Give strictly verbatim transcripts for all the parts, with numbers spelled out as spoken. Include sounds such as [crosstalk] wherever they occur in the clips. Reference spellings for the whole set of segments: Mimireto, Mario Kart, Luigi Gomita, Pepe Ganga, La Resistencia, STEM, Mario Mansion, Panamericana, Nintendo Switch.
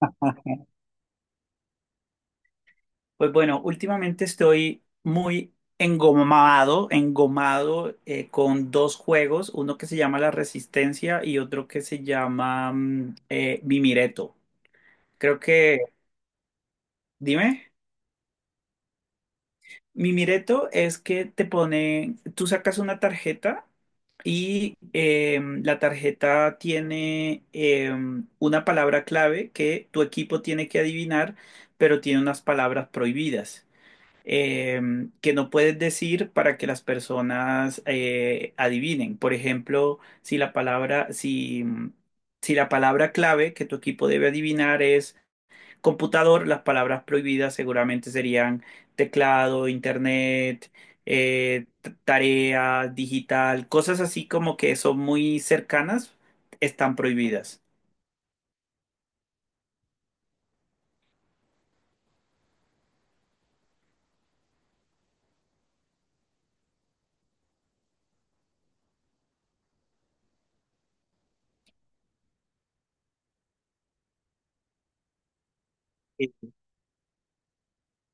Ajá. Pues bueno, últimamente estoy muy engomado, engomado, eh, con dos juegos, uno que se llama La Resistencia y otro que se llama mm, eh, Mimireto. Creo que, dime, Mimireto es que te pone, tú sacas una tarjeta y em, la tarjeta tiene em, una palabra clave que tu equipo tiene que adivinar, pero tiene unas palabras prohibidas. eh, que no puedes decir para que las personas eh, adivinen. Por ejemplo, si la palabra, si, mm, si la palabra clave que tu equipo debe adivinar es computador, las palabras prohibidas seguramente serían teclado, internet, eh, t- tarea, digital, cosas así como que son muy cercanas, están prohibidas.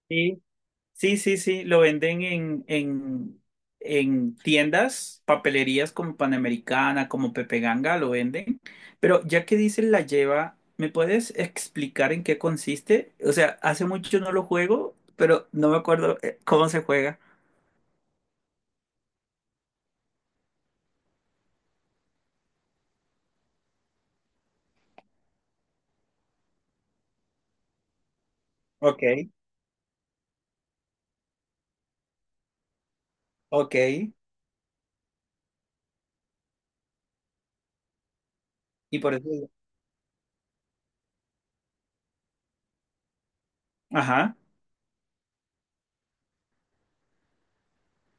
Sí, Sí, sí, sí, lo venden en, en, en tiendas, papelerías como Panamericana, como Pepe Ganga, lo venden. Pero ya que dices la lleva, ¿me puedes explicar en qué consiste? O sea, hace mucho no lo juego, pero no me acuerdo eh, cómo se juega. Ok, ok. Y por eso... Ajá,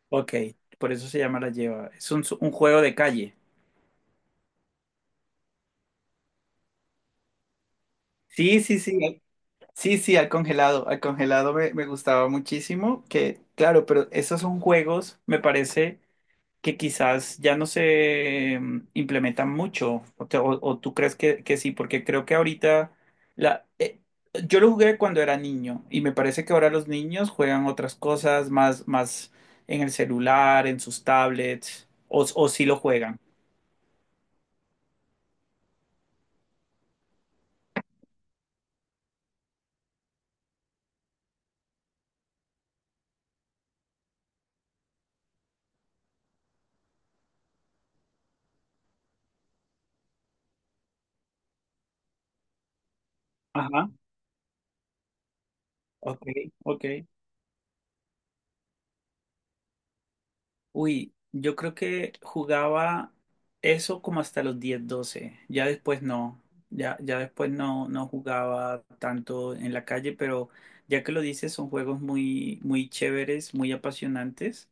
ok. Por eso se llama la lleva. Es un, un juego de calle. Sí, sí, sí. Sí, sí, al congelado, al congelado me, me gustaba muchísimo, que claro, pero esos son juegos, me parece que quizás ya no se mm, implementan mucho, o, te- o- o tú crees que, que sí, porque creo que ahorita, la, eh, yo lo jugué cuando era niño y me parece que ahora los niños juegan otras cosas más, más en el celular, en sus tablets, o, o sí lo juegan. Ajá, ok, ok. Uy, yo creo que jugaba eso como hasta los diez, doce. Ya después no. Ya, ya después no, no jugaba tanto en la calle, pero ya que lo dices, son juegos muy, muy chéveres, muy apasionantes,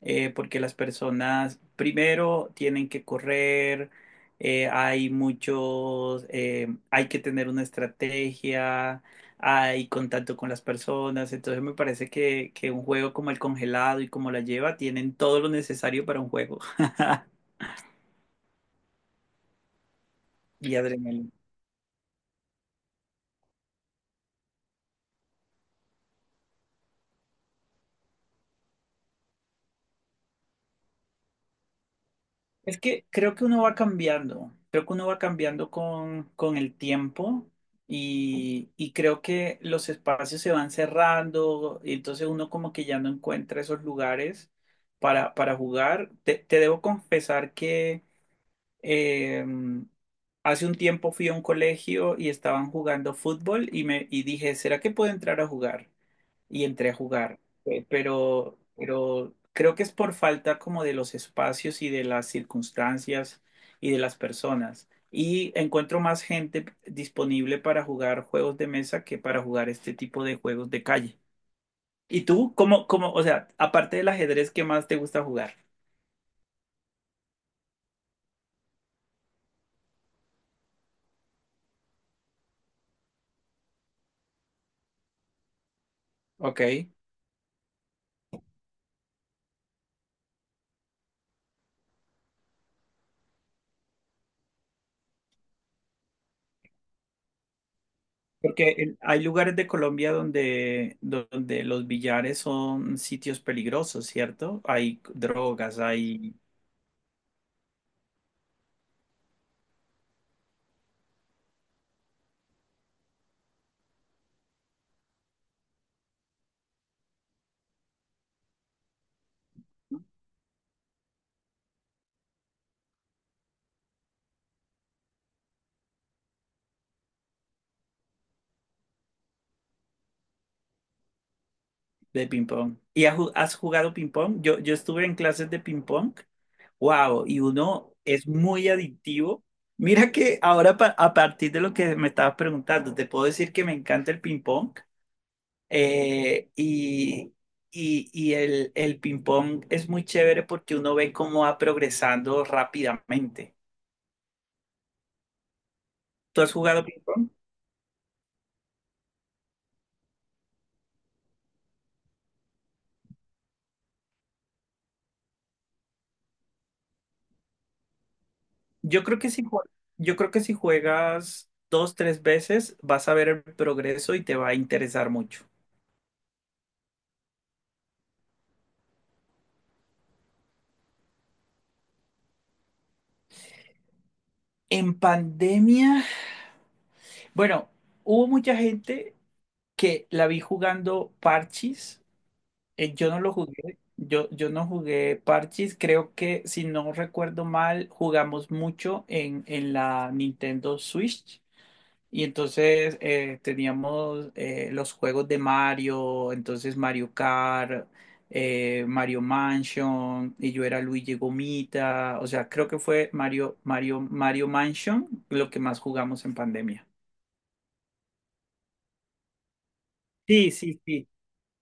eh, porque las personas primero tienen que correr, eh, hay muchos, eh, hay que tener una estrategia, hay contacto con las personas, entonces me parece que, que un juego como el congelado y como la lleva tienen todo lo necesario para un juego [laughs] y adrenalina. Es que creo que uno va cambiando, creo que uno va cambiando con, con el tiempo y, y creo que los espacios se van cerrando y entonces uno como que ya no encuentra esos lugares para, para jugar. Te, te debo confesar que eh, hace un tiempo fui a un colegio y estaban jugando fútbol y, me, y dije, ¿será que puedo entrar a jugar? Y entré a jugar, eh, pero, pero creo que es por falta como de los espacios y de las circunstancias y de las personas. Y encuentro más gente disponible para jugar juegos de mesa que para jugar este tipo de juegos de calle. ¿Y tú, cómo, cómo, o sea, aparte del ajedrez, qué más te gusta jugar? Ok. Porque en- hay lugares de Colombia donde, donde los billares son sitios peligrosos, ¿cierto? Hay drogas, hay de ping-pong. ¿Y ha ju- has jugado ping-pong? Yo, yo estuve en clases de ping-pong. ¡Wow! Y uno es muy adictivo. Mira que ahora, pa- a partir de lo que me estabas preguntando, te puedo decir que me encanta el ping-pong. Eh, y, y, y el, el ping-pong es muy chévere porque uno ve cómo va progresando rápidamente. ¿Tú has jugado ping pong? Yo creo que si, jue- yo creo que si juegas dos, tres veces, vas a ver el progreso y te va a interesar mucho. En pandemia, bueno, hubo mucha gente que la vi jugando parchis. Eh, yo no lo jugué. Yo, yo no jugué parchis. Creo que, si no recuerdo mal, jugamos mucho en, en la Nintendo Switch. Y entonces eh, teníamos eh, los juegos de Mario, entonces Mario Kart, eh, Mario Mansion, y yo era Luigi Gomita. O sea, creo que fue Mario, Mario, Mario Mansion lo que más jugamos en pandemia. Sí, sí, sí.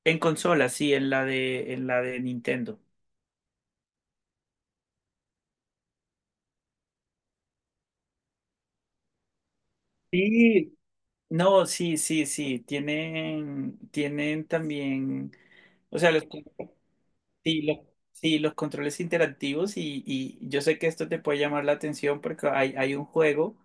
En consola, sí, en la de, en la de Nintendo. Sí, No, sí, sí, sí. Tienen, tienen también. O sea, los. Sí, lo- sí, los controles interactivos y, y yo sé que esto te puede llamar la atención porque hay, hay un juego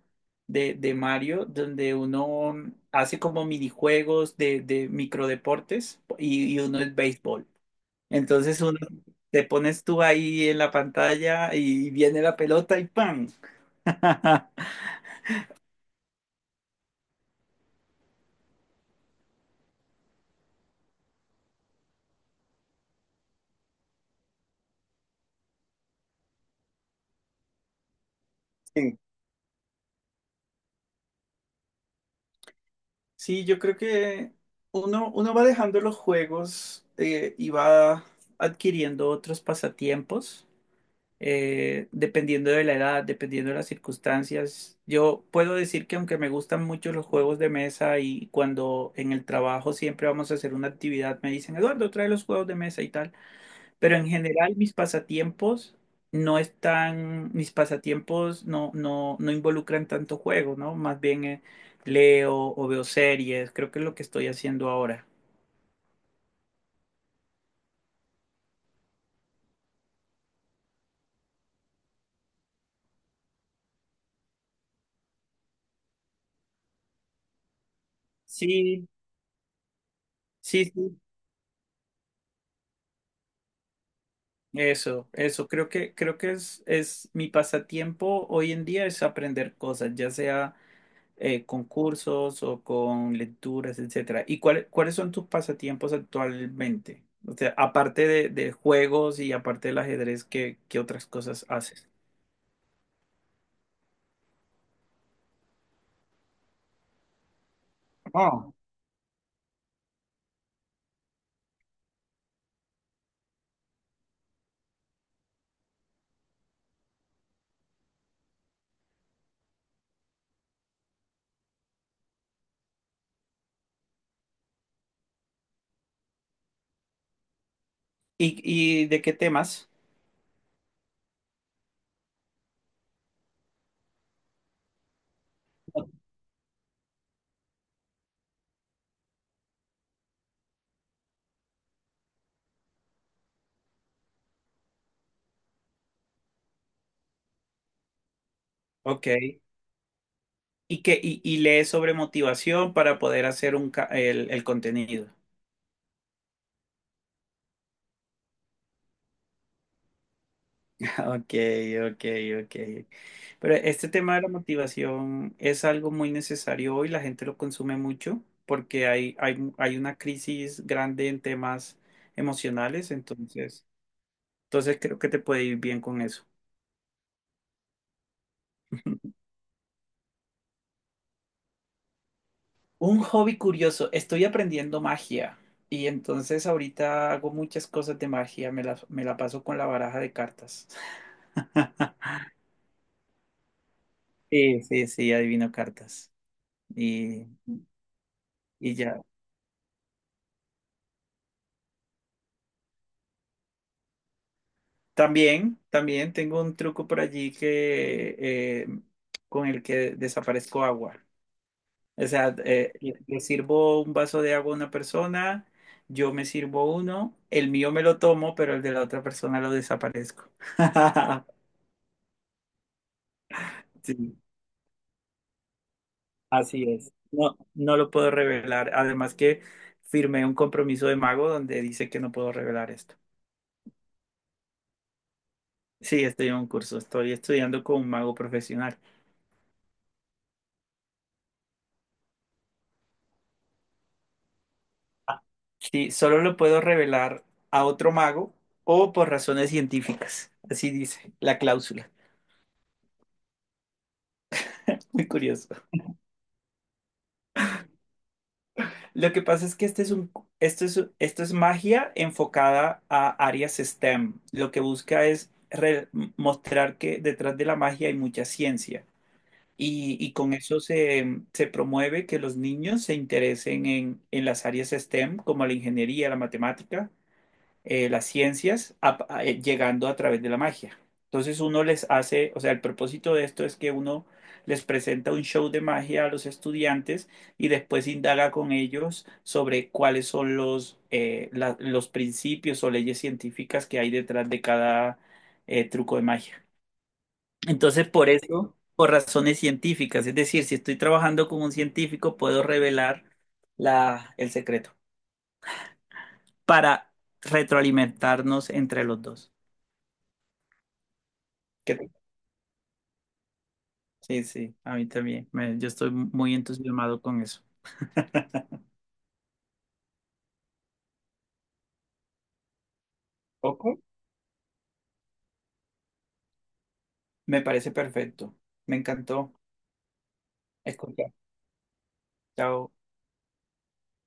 de, de Mario donde uno hace como minijuegos de, de microdeportes y, y uno es béisbol. Entonces uno te pones tú ahí en la pantalla y viene la pelota y ¡pam! [laughs] Sí, Sí, yo creo que uno, uno va dejando los juegos eh, y va adquiriendo otros pasatiempos, eh, dependiendo de la edad, dependiendo de las circunstancias. Yo puedo decir que aunque me gustan mucho los juegos de mesa y cuando en el trabajo siempre vamos a hacer una actividad, me dicen, Eduardo, trae los juegos de mesa y tal, pero en general mis pasatiempos no están, mis pasatiempos no, no, no involucran tanto juego, ¿no? Más bien eh, leo o veo series, creo que es lo que estoy haciendo ahora. Sí, sí, sí. Eso, eso, creo que, creo que es, es mi pasatiempo hoy en día es aprender cosas, ya sea eh, con cursos o con lecturas, etcétera. ¿Y cuál- cuáles son tus pasatiempos actualmente? O sea, aparte de, de juegos y aparte del ajedrez, ¿qué, qué otras cosas haces? Oh. ¿Y, y de qué temas? Ok. ¿Y qué, y, y lees sobre motivación para poder hacer un, ca- el, el contenido? Ok, ok, ok. Pero este tema de la motivación es algo muy necesario hoy, la gente lo consume mucho porque hay, hay, hay una crisis grande en temas emocionales, entonces, entonces creo que te puede ir bien con eso. [laughs] Un hobby curioso, estoy aprendiendo magia y entonces ahorita hago muchas cosas de magia, me la, me la paso con la baraja de cartas. [laughs] Sí, sí, sí, adivino cartas y, y ya. También, también tengo un truco por allí que eh, con el que desaparezco agua. O sea, eh, le le sirvo un vaso de agua a una persona, yo me sirvo uno, el mío me lo tomo, pero el de la otra persona lo desaparezco. [laughs] Sí, así es. No, no lo puedo revelar. Además que firmé un compromiso de mago donde dice que no puedo revelar esto. Sí, estoy en un curso, estoy estudiando con un mago profesional. Sí, solo lo puedo revelar a otro mago o por razones científicas. Así dice la cláusula. [laughs] Muy curioso. Lo que pasa es que este es un, esto es, esto es magia enfocada a áreas S T E M. Lo que busca es re- mostrar que detrás de la magia hay mucha ciencia. Y, y con eso se, se promueve que los niños se interesen en, en las áreas S T E M, como la ingeniería, la matemática, eh, las ciencias a- a- eh, llegando a través de la magia. Entonces uno les hace, o sea, el propósito de esto es que uno les presenta un show de magia a los estudiantes y después indaga con ellos sobre cuáles son los, eh, la- los principios o leyes científicas que hay detrás de cada eh, truco de magia. Entonces, por eso, por razones científicas, es decir, si estoy trabajando con un científico, puedo revelar la, el secreto para retroalimentarnos entre los dos. ¿Qué Sí, sí, a mí también. Me- yo estoy muy entusiasmado con eso. ¿Poco? Me parece perfecto. Me encantó escuchar. Chao.